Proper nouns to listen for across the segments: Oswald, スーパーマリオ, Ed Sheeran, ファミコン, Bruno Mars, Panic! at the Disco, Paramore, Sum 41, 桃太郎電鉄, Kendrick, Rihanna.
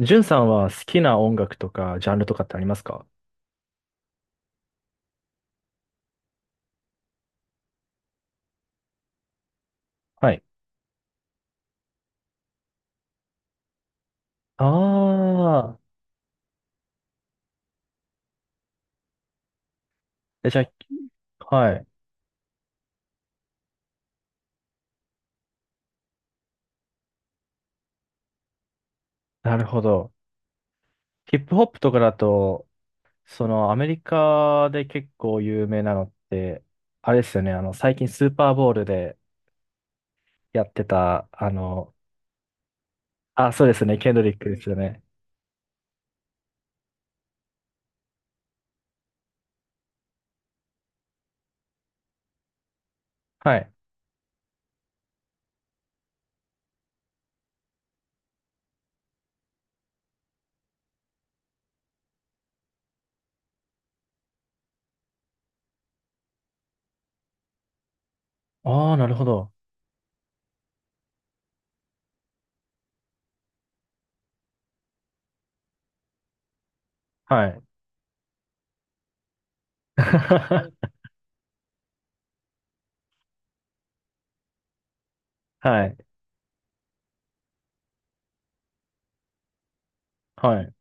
ジュンさんは好きな音楽とかジャンルとかってありますか？はい。ああ。え、じゃあ、はい。なるほど。ヒップホップとかだと、そのアメリカで結構有名なのって、あれですよね、あの、最近スーパーボールでやってた、あの、あ、そうですね、ケンドリックですよね。はい。ああ、なるほど。はい。はい。はい。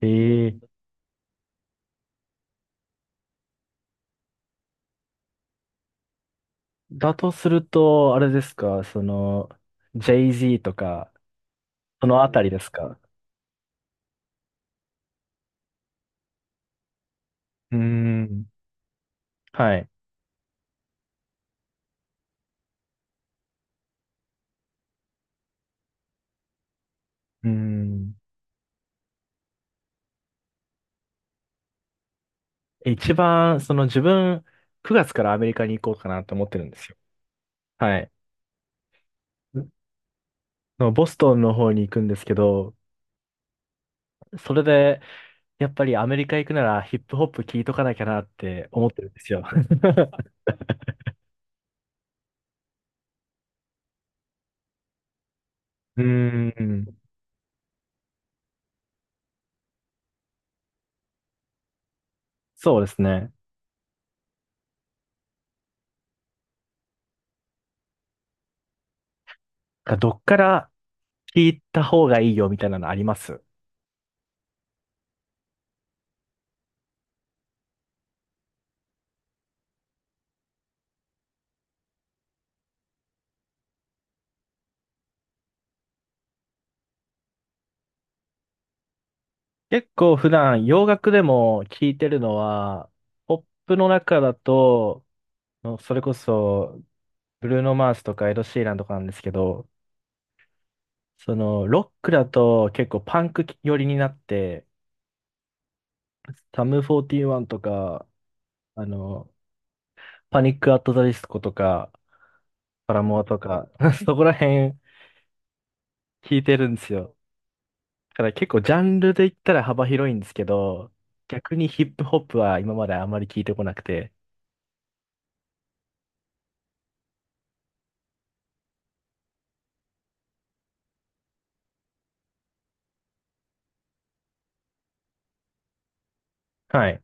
ええ。だとすると、あれですか、その、j z とか、そのあたりですか？うーん。はい。うーん。一番、その自分、9月からアメリカに行こうかなと思ってるんですよ。はい。のボストンの方に行くんですけど、それで、やっぱりアメリカ行くならヒップホップ聞いとかなきゃなって思ってるんですよ。うーん。そうですね。どっから聞いた方がいいよみたいなのあります？結構普段洋楽でも聞いてるのは、ポップの中だと、のそれこそ、ブルーノ・マースとかエド・シーランとかなんですけど、その、ロックだと結構パンク寄りになって、サム41とか、あの、パニック・アット・ザ・ディスコとか、パラモアとか、そこら辺聞いてるんですよ。だから結構ジャンルで言ったら幅広いんですけど、逆にヒップホップは今まであまり聞いてこなくて。はい。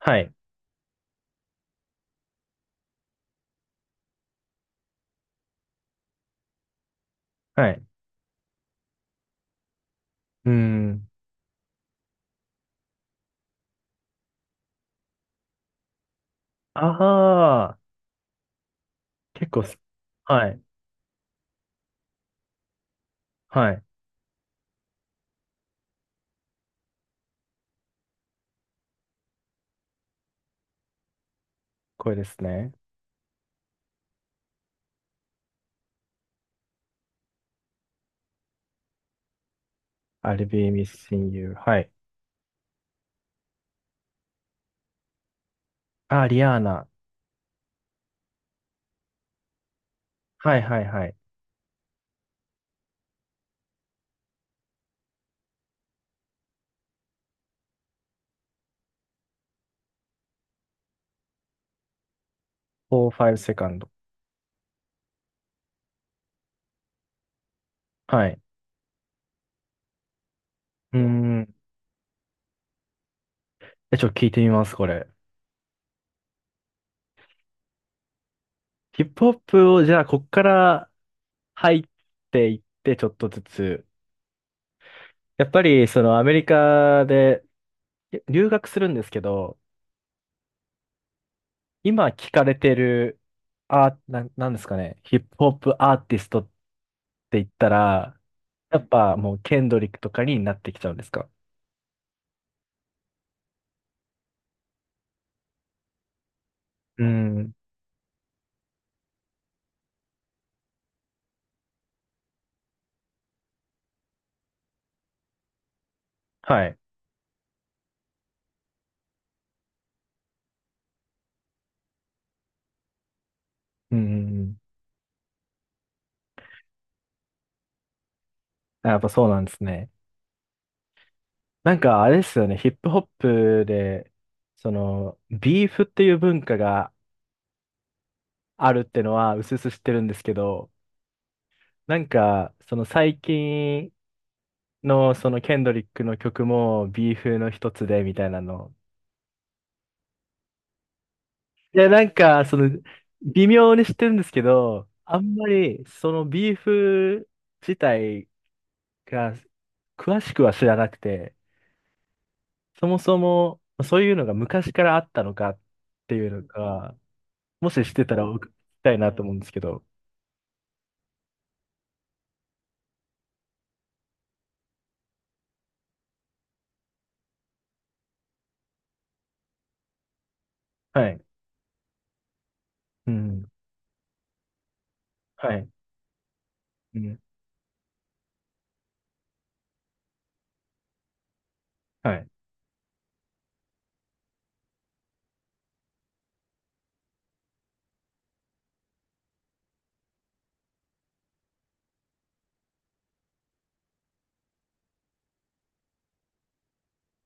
はい。はい。うーん。ああ、結構す、はい。はい。これですね。I'll be missing you. はい。あ、リアーナ。はいはいはい。4、5セカンド。はい。うーん。え、ちょっと聞いてみます、これ。ヒップホップを、じゃあ、こっから入っていって、ちょっとずつ。やっぱり、その、アメリカで留学するんですけど、今聞かれてる、あ、んですかね。ヒップホップアーティストって言ったら、やっぱもう、ケンドリックとかになってきちゃうんですか？うーん。はい。うんうんうん。あ、やっぱそうなんですね。なんかあれですよね、ヒップホップで、その、ビーフっていう文化があるってのは、うすうす知ってるんですけど、なんか、その最近の、そのケンドリックの曲も、ビーフの一つで、みたいなの。いや、なんか、その、微妙に知ってるんですけど、あんまり、そのビーフ自体が、詳しくは知らなくて、そもそも、そういうのが昔からあったのかっていうのが、もししてたら僕聞きたいなと思うんですけど。はい。うん。はい。うん。はい。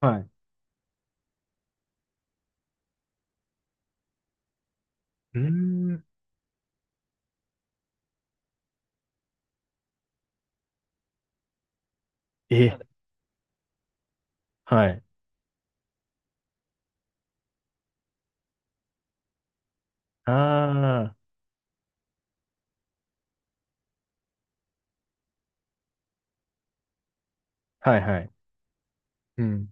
はい。うーん。え、はい。ああ、はいはい。うん。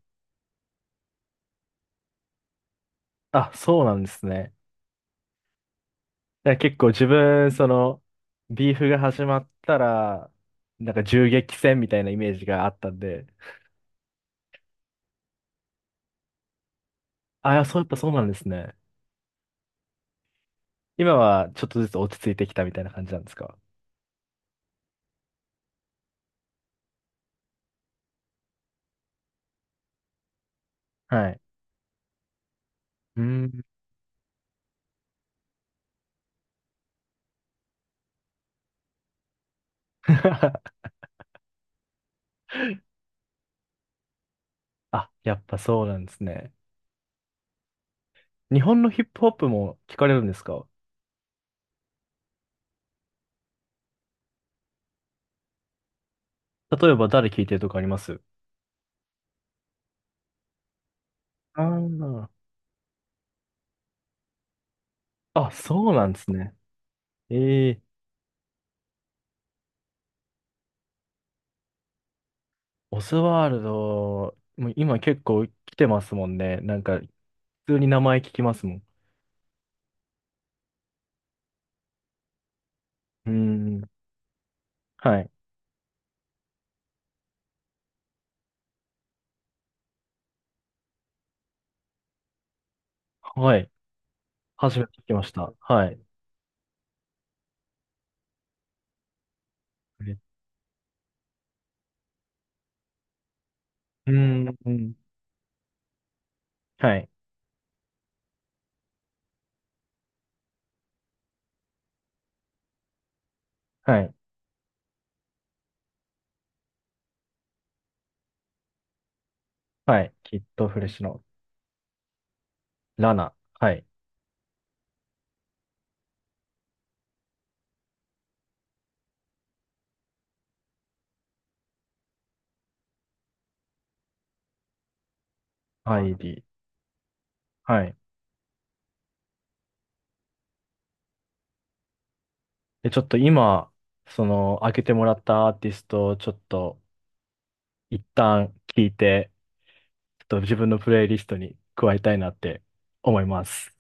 あ、そうなんですね。だから結構自分、その、ビーフが始まったら、なんか銃撃戦みたいなイメージがあったんで。ああ、そう、やっぱそうなんですね。今はちょっとずつ落ち着いてきたみたいな感じなんですか？はい。うーん。あ、やっぱそうなんですね。日本のヒップホップも聞かれるんですか？例えば誰聞いてるとかあります？ああ、あ、そうなんですね。ええ。オズワルド、もう今結構来てますもんね。なんか、普通に名前聞きますもん。うん。はい。はい。初めて聞きました。はい。うん。うん。はい。はい。はい。きっとフレッシュの。ラナ。はい。アイディ。はい。で、ちょっと今、その、開けてもらったアーティストをちょっと、一旦聞いて、ちょっと自分のプレイリストに加えたいなって思います。